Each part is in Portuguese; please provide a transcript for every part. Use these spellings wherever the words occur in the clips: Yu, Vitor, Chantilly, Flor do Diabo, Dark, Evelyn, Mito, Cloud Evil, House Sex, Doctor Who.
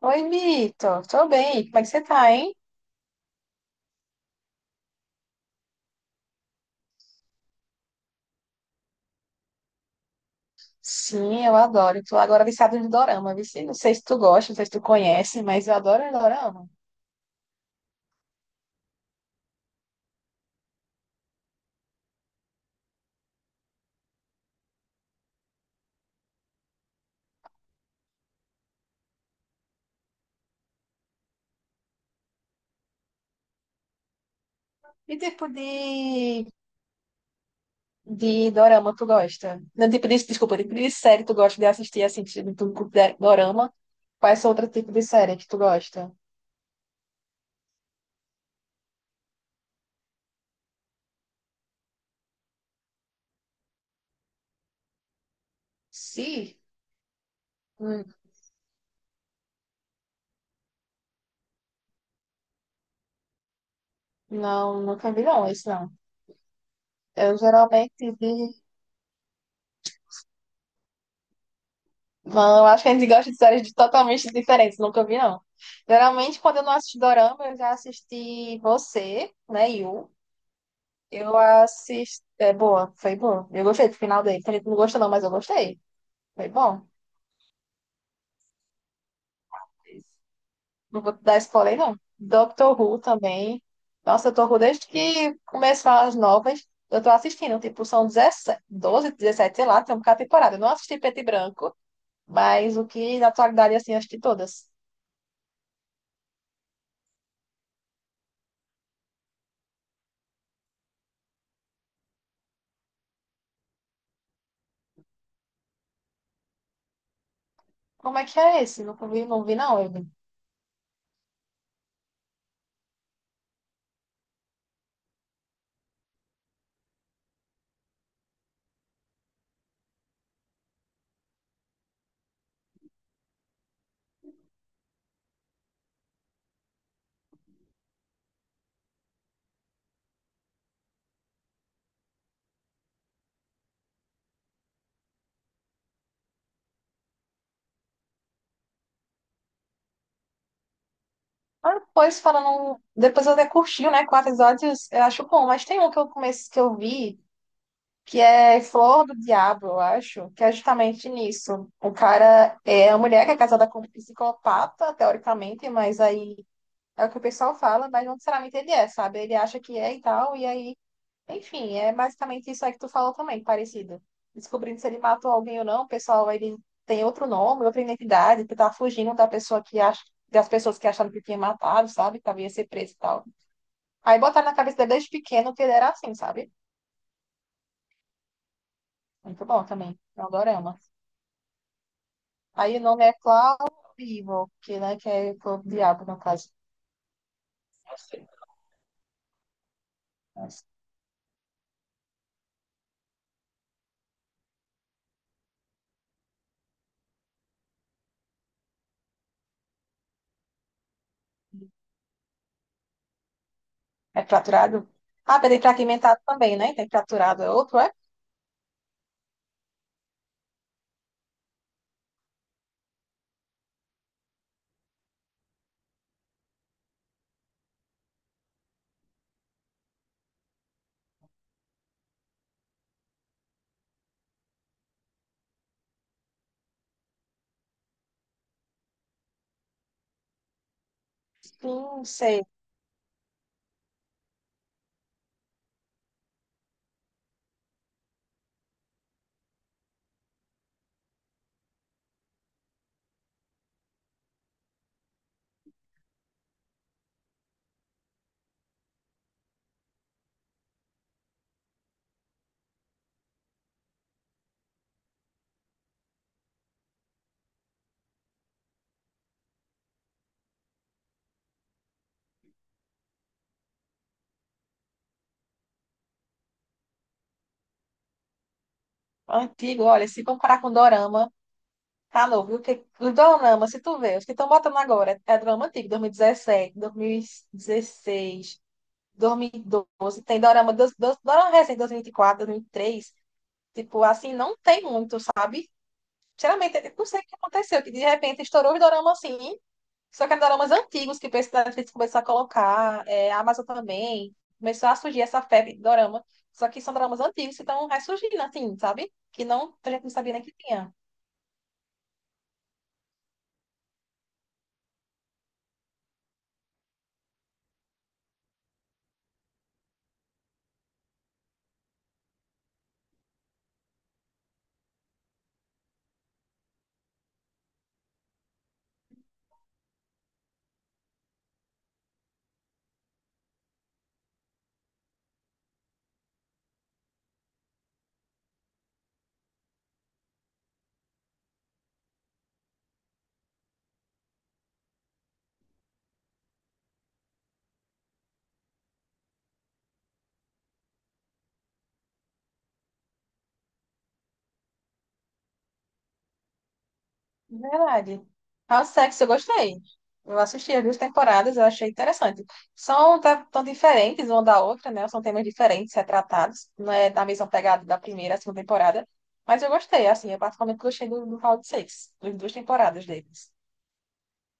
Oi, Mito. Tô bem. Como é que você tá, hein? Sim, eu adoro. Tô agora viciada em dorama, vici. Não sei se tu gosta, não sei se tu conhece, mas eu adoro dorama. Que tipo de dorama tu gosta? Não, tipo de, desculpa, tipo de série tu gosta de assistir, assim, tipo de dorama? Quais são outros tipos de série que tu gosta? Sim. Hum. Não, nunca vi não, esse não. Eu geralmente vi. Não, acho que a gente gosta de séries totalmente diferentes, nunca vi, não. Geralmente, quando eu não assisto Dorama, eu já assisti Você, né, Yu. Eu assisti. É boa, foi bom. Eu gostei do final dele. Tem gente que não gostou, não, mas eu gostei. Foi bom. Não vou dar spoiler, não. Doctor Who também. Nossa, Doctor Who, desde que começaram as novas, eu tô assistindo. Tipo, são 17, 12, 17, sei lá, tem um cada temporada. Eu não assisti Preto e Branco, mas o que na atualidade, assim, eu assisti todas. Como é que é esse? Não vi, não vi não, Evelyn. Ah, depois falando. Depois eu até curti, né? Quatro episódios, eu acho bom, mas tem um que eu comecei que eu vi, que é Flor do Diabo, eu acho, que é justamente nisso. O cara é a mulher que é casada com um psicopata, teoricamente, mas aí é o que o pessoal fala, mas não necessariamente ele é, sabe? Ele acha que é e tal, e aí. Enfim, é basicamente isso aí que tu falou também, parecido. Descobrindo se ele matou alguém ou não, o pessoal ele tem outro nome, outra identidade, que tá fugindo da pessoa que acha, das pessoas que acharam que tinha matado, sabe? Que havia ser preso e tal. Aí botaram na cabeça dele desde pequeno que ele era assim, sabe? Muito bom também. É um dorama. Aí o nome é Cloud Evil, que, né, que é o diabo, no caso. É fraturado? Ah, tem fragmentado também, né? Tem fraturado, é outro, é? Sim, sei. Antigo, olha, se comparar com Dorama, tá novo, viu? Porque os Dorama, se tu vê, os que estão botando agora, é Dorama antigo, dois mil dezessete, 2016, 2017, 2016, 12. Tem Dorama, Dorama recente, 2024, três. Tipo, assim, não tem muito, sabe? Sinceramente, eu não sei o que aconteceu, que de repente estourou os doramas assim. Só que eram doramas antigos que a Netflix começou a colocar, é, a Amazon também. Começou a surgir essa febre de dorama. Só que são doramas antigos que estão ressurgindo, assim, sabe? Que não, a gente não sabia nem que tinha. Verdade. House Sex, eu gostei. Eu assisti as duas temporadas, eu achei interessante. São tão diferentes uma da outra, né? São temas diferentes retratados. Não é da mesma pegada da primeira, a segunda temporada. Mas eu gostei, assim, eu particularmente gostei do House Sex, das duas temporadas deles.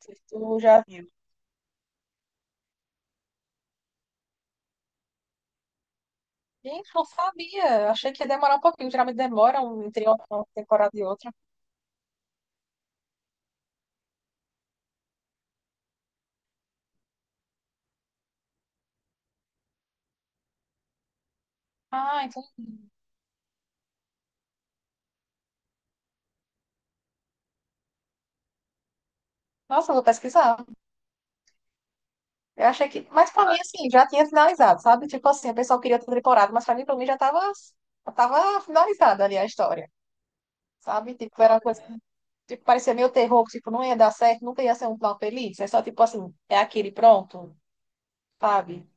Se tu já viu? Gente, não sabia. Eu achei que ia demorar um pouquinho. Geralmente demora entre uma temporada e outra. Ah, então. Nossa, eu vou pesquisar. Eu achei que. Mas pra mim, assim, já tinha finalizado, sabe? Tipo assim, o pessoal queria outra temporada, mas pra mim já tava finalizada ali a história, sabe? Tipo, era uma coisa. Tipo, parecia meio terror, que, tipo, não ia dar certo, nunca ia ser um final feliz. É só, tipo assim, é aquele pronto, sabe?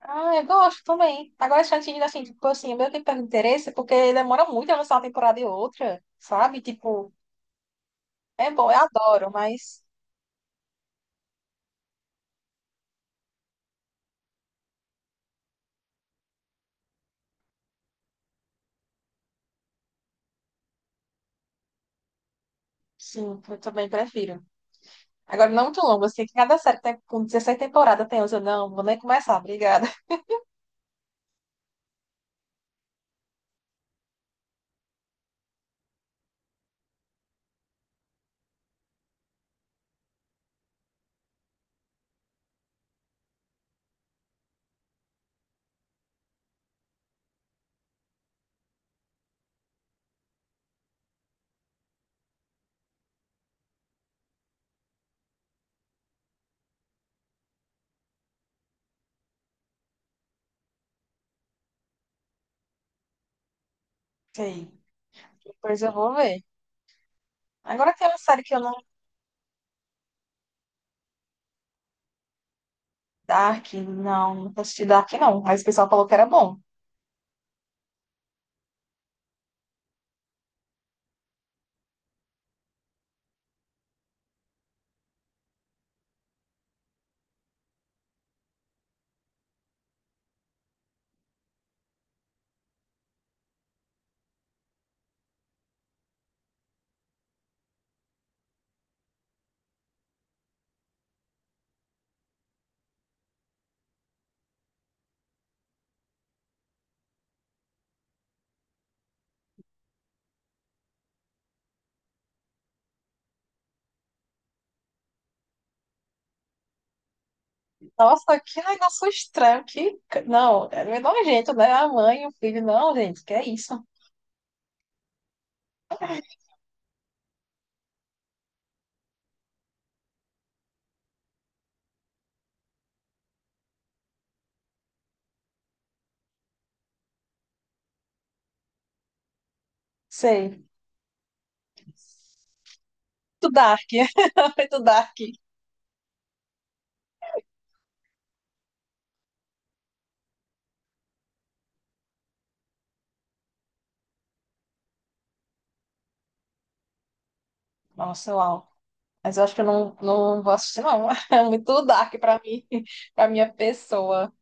Ah, eu gosto também. Agora, Chantilly, assim, tipo assim, eu meio que perde interesse, porque demora muito a lançar uma temporada e outra, sabe? Tipo, é bom, eu adoro, mas sim, eu também prefiro. Agora, não muito longo, assim, que cada série que tem, com 16 temporadas tem 11. Não, vou nem começar, obrigada. Ok, depois eu vou ver. Agora tem uma série que eu não. Dark, não, não assisti Dark, não. Mas o pessoal falou que era bom. Nossa, que negócio estranho, que. Não, é meio nojento, né? A mãe e o filho, não, gente, que é isso? Sei. Muito Dark, muito Dark. Nossa, uau. Mas eu acho que eu não, não vou assistir, não. É muito Dark pra mim, pra minha pessoa.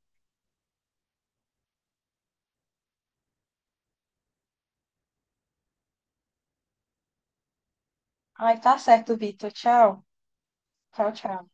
Ai, tá certo, Vitor. Tchau. Tchau, tchau.